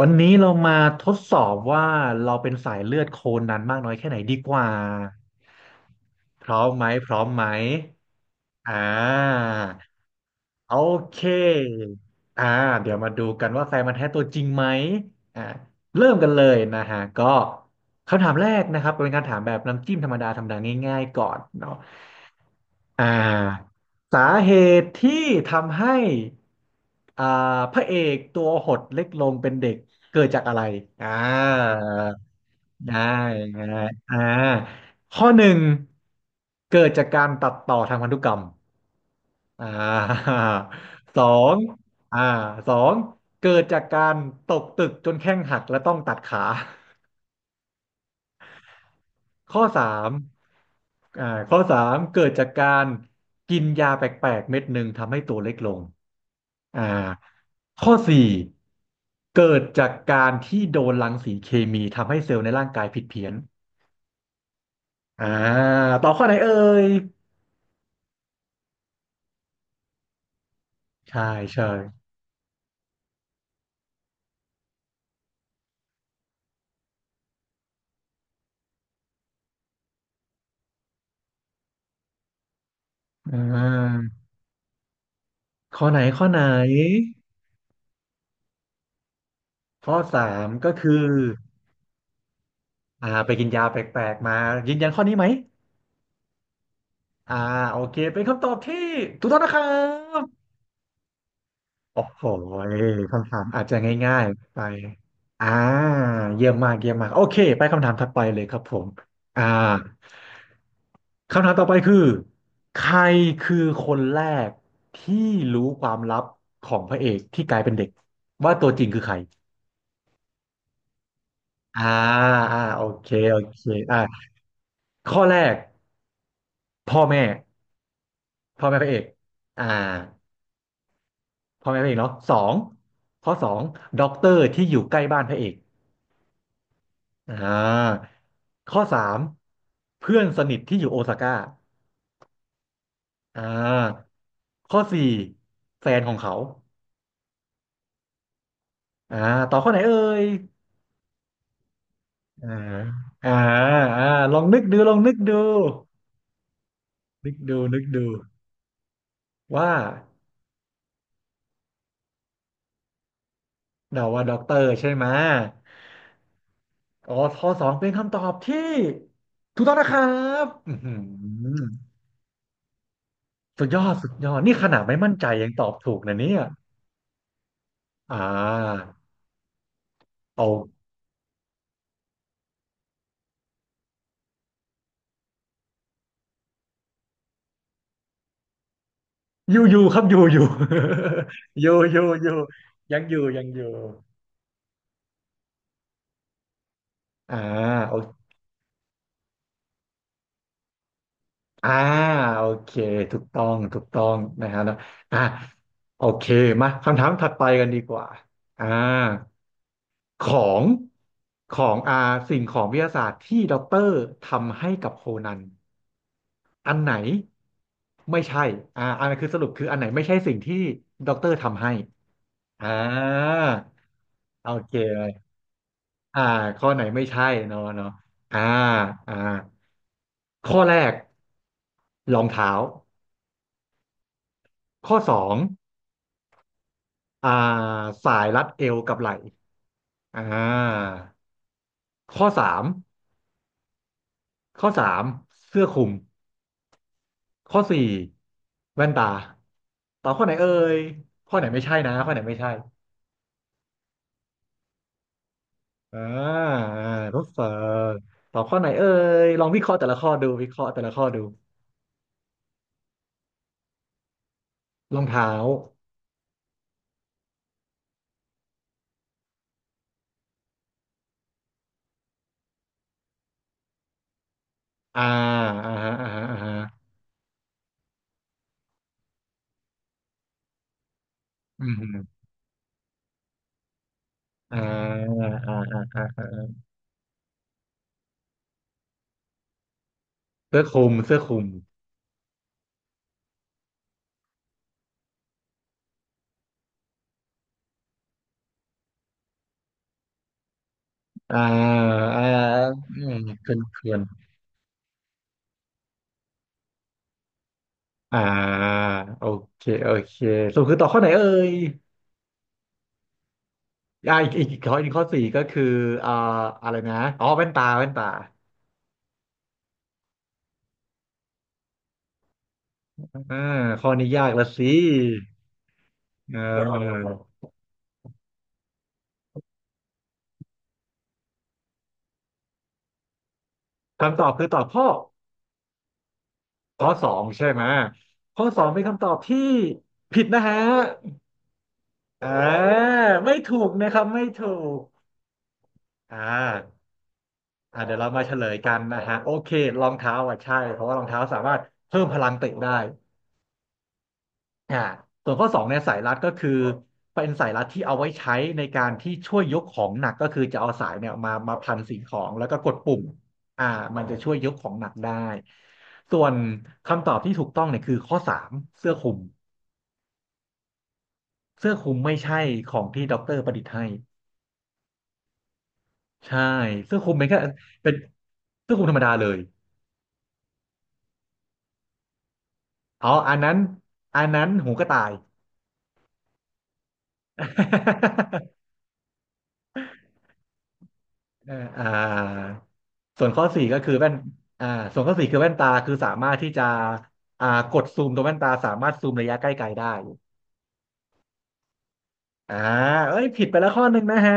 วันนี้เรามาทดสอบว่าเราเป็นสายเลือดโคนันมากน้อยแค่ไหนดีกว่าพร้อมไหมพร้อมไหมอ่าโอเคอ่าเดี๋ยวมาดูกันว่าแฟนมันธุ์แท้ตัวจริงไหมอ่าเริ่มกันเลยนะฮะก็คำถามแรกนะครับเป็นการถามแบบน้ำจิ้มธรรมดาธรรมดาง่ายๆก่อนเนาะ อ่าสาเหตุที่ทำให้อ่าพระเอกตัวหดเล็กลงเป็นเด็กเกิดจากอะไรอ่าได้ไงอ่าข้อหนึ่งเกิดจากการตัดต่อทางพันธุกรรมอ่า สองอ่าสองเกิดจากการตกตึกจนแข้งหักและต้องตัดขา ข้อสามอ่าข้อสามเกิดจากการกินยาแปลกๆเม็ดหนึ่งทำให้ตัวเล็กลง อ่าข้อสี่เกิดจากการที่โดนรังสีเคมีทำให้เซลล์ในร่างกายผิดเพี้ยนอ่าตอบข้อไหนเอ่ยใช่ใช่อ่าข้อไหนข้อไหนข้อสามก็คือไปกินยาแปลกๆมายืนยันข้อนี้ไหมอ่าโอเคเป็นคำตอบที่ถูกต้องนะครับโอ้โหคำถามอาจจะง่ายๆไปอ่าเยี่ยมมากเยี่ยมมากโอเคไปคำถามถัดไปเลยครับผมอ่า คำถามต่อไปคือใครคือคนแรกที่รู้ความลับของพระเอกที่กลายเป็นเด็กว่าตัวจริงคือใครอ่าอ่าโอเคโอเคอ่าข้อแรกพ่อแม่พ่อแม่พระเอกอ่าพ่อแม่พระเอกเนาะสองข้อสองด็อกเตอร์ที่อยู่ใกล้บ้านพระเอกอ่าข้อสามเพื่อนสนิทที่อยู่โอซาก้าอ่าข้อสี่แฟนของเขาอ่าต่อบข้อไหนเอ่ย อ่าอ่าอ่าลองนึกดูลองนึกดูนึกดูนึกดูว่าเดาว่าด็อกเตอร์ใช่ไหมอ๋อข้อสองเป็นคำตอบที่ถูกต้องนะครับอื้อหือสุดยอด สุดยอด นี่ขนาดไม่มั่นใจยังตอบถูกนะเนี่ยอ่าเอาอยู่อยู่ครับอยู่อยู่ อยู่อยู่อยู่ยังอยู่ยังอยู่อ่าโอ อ่าโอเคถูกต้องถูกต้องนะฮะนะอ่าโอเคมาคำถามถัดไปกันดีกว่าอ่าของของสิ่งของวิทยาศาสตร์ที่ด็อกเตอร์ทำให้กับโคนันอันไหนไม่ใช่อันนั้นคือสรุปคืออันไหนไม่ใช่สิ่งที่ด็อกเตอร์ทำให้อ่าโอเคเลยอ่าข้อไหนไม่ใช่เนาะเนาะอ่าอ่าข้อแรกรองเท้าข้อสอง อ่าสายรัดเอวกับไหล่อ่าข้อสามข้อสามเสื้อคลุมข้อสี่แว่นตาตอบข้อไหนเอ่ยข้อไหนไม่ใช่นะข้อไหนไม่ใช่อ่าทดสอบตอบข้อไหนเอ่ยลองวิเคราะห์แต่ละข้อดูวิเคราะห์แต่ละข้อดูรองเท้าอ่าอ่าฮะอ่าฮะอ่าฮะอืมอ่าอ่าเสื้อคลุมเสื้อคลุมอ่าอ่าอืมเกินเกิน อ่าโอเคโอเคสรุปคือต่อบข้อไหนเอ่ยอีกอีกอีกข้ออีกข้อสี่ก็คืออ่าอะไรนะอ๋อแว่นตาแว่นตาอ่าข้อนี้ยากละสิเออคำตอบคือตอบข้อข้อสองใช่ไหมข้อสองเป็นคำตอบที่ผิดนะฮะเอ่าไม่ถูกนะครับไม่ถูกอ่าอ่าเดี๋ยวเรามาเฉลยกันนะฮะโอเครองเท้าอ่ะใช่เพราะว่ารองเท้าสามารถเพิ่มพลังเตะได้ อ่าส่วนข้อสองเนี่ยสายรัดก็คือเป็นสายรัดที่เอาไว้ใช้ในการที่ช่วยยกของหนักก็คือจะเอาสายเนี่ยมามาพันสิ่งของแล้วก็กดปุ่มอ่ามันจะช่วยยกของหนักได้ส่วนคำตอบที่ถูกต้องเนี่ยคือข้อสามเสื้อคลุมเสื้อคลุมไม่ใช่ของที่ด็อกเตอร์ประดิษฐ์ให้ใช่เสื้อคลุมเป็นแค่เป็นเสื้อคลุมธรรมดาเลยอ๋ออันนั้นอันนั้นหูกระต่าย เออส่วนข้อสี่ก็คือแว่นอ่าส่วนข้อสี่คือแว่นตาคือสามารถที่จะกดซูมตัวแว่นตาสามารถซูมระยะใกล้ไกลได้อ่าเอ้ยผิดไปแล้วข้อหนึ่งนะฮะ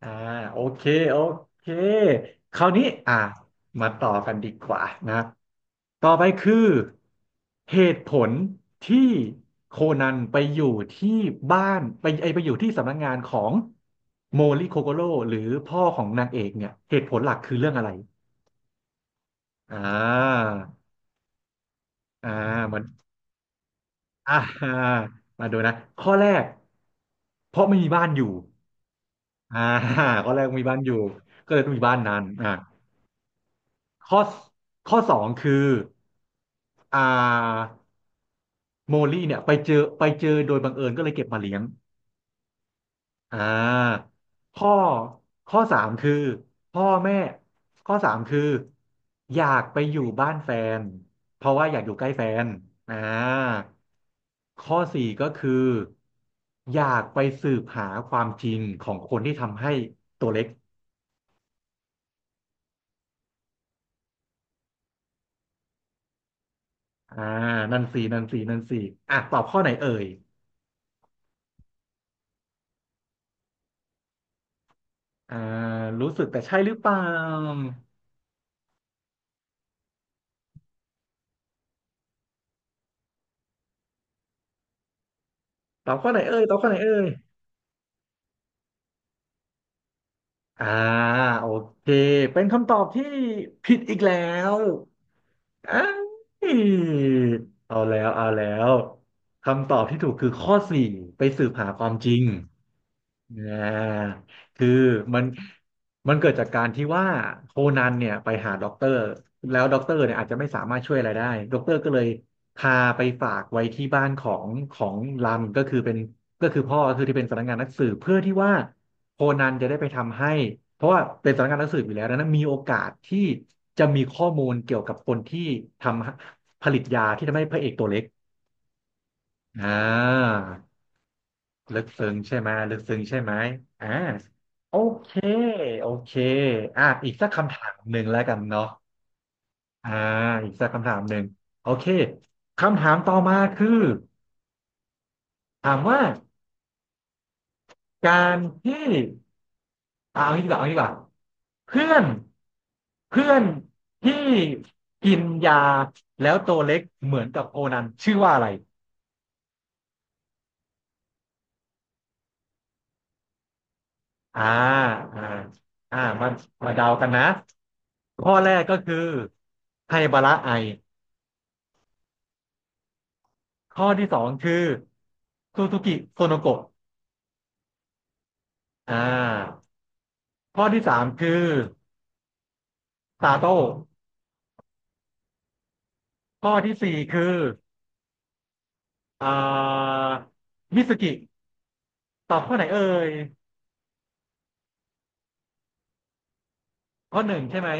อ่าโอเคโอเคคราวนี้มาต่อกันดีกว่านะต่อไปคือเหตุผลที่โคนันไปอยู่ที่บ้านไปไอไปอยู่ที่สำนักงานของโมริโคโกโร่หรือพ่อของนางเอกเนี่ยเหตุผลหลักคือเรื่องอะไร อ่าอ่าเหมือนอ่ามาดูนะข้อแรกเพราะไม่มีบ้านอยู่อ่า ข้อแรกมีบ้านอยู่ก็เลยต้องมีบ้านนั้นข้อข้อสองคืออ่าโมลี่เนี่ยไปเจอไปเจอโดยบังเอิญก็เลยเก็บมาเลี้ยง อ่าข้อข้อสามคือพ่อแม่ข้อสามคืออยากไปอยู่บ้านแฟนเพราะว่าอยากอยู่ใกล้แฟนอ่าข้อสี่ก็คืออยากไปสืบหาความจริงของคนที่ทำให้ตัวเล็กอ่านั่นสี่นั่นสี่นั่นสี่อ่ะตอบข้อไหนเอ่ยอ่ารู้สึกแต่ใช่หรือเปล่าตอบข้อไหนเอ่ยตอบข้อไหนเอ่ยอ่าโอเคเป็นคำตอบที่ผิดอีกแล้ว เอ้ยเอาแล้วเอาแล้วคำตอบที่ถูกคือข้อสี่ไปสืบหาความจริง อ่าคือมันมันเกิดจากการที่ว่าโคนันเนี่ยไปหาด็อกเตอร์แล้วด็อกเตอร์เนี่ยอาจจะไม่สามารถช่วยอะไรได้ด็อกเตอร์ก็เลยพาไปฝากไว้ที่บ้านของรันก็คือเป็นก็คือพ่อก็คือที่เป็นสำนักงานนักสืบเพื่อที่ว่าโคนันจะได้ไปทำให้เพราะว่าเป็นสำนักงานนักสืบอยู่แล้วดังนั้นมีโอกาสที่จะมีข้อมูลเกี่ยวกับคนที่ทำผลิตยาที่ทำให้พระเอกตัวเล็กอ่า ลึกซึ้งใช่ไหมลึกซึ้งใช่ไหมอ่าโอเคโอเคอ่ะอีกสักคำถามหนึ่งแล้วกันเนาะอ่าอีกสักคำถามหนึ่งโอเคคำถามต่อมาคือถามว่าการที่เอางี้ดีกว่าเอางี้ดีกว่าเพื่อนเพื่อนที่กินยาแล้วตัวเล็กเหมือนกับโคนันชื่อว่าอะไร อ่าอ่ามามาเดากันนะข้อแรกก็คือไฮบาระไอข้อที่สองคือซูซูกิโซโนโกะอ่าข้อที่สามคือซาโต้ข้อที่สี่คืออ่ามิสกิตอบข้อไหนเอ่ยข้อหนึ่งใช่ไหม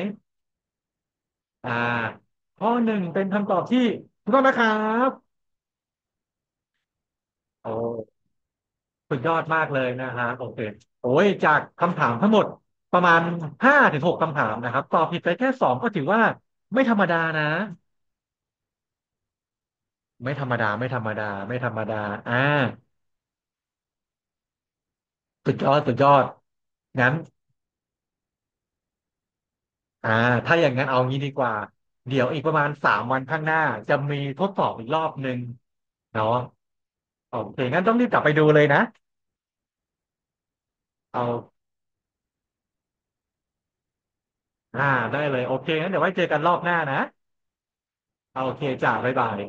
อ่าข้อหนึ่งเป็นคำตอบที่ถูกต้องนะครับโอ้ สุดยอดมากเลยนะฮะโอเคโอ้ยจากคำถามทั้งหมดประมาณ5-6คำถามนะครับตอบผิดไปแค่สองก็ถือว่าไม่ธรรมดานะไม่ธรรมดาไม่ธรรมดาไม่ธรรมดาอ่าสุดยอดสุดยอดงั้นอ่าถ้าอย่างนั้นเอางี้ดีกว่าเดี๋ยวอีกประมาณสามวันข้างหน้าจะมีทดสอบอีกรอบหนึ่งเนาะโอเคงั้นต้องรีบกลับไปดูเลยนะเอาอ่าได้เลยโอเคงั้นเดี๋ยวไว้เจอกันรอบหน้านะโอเคจ้าบ๊ายบาย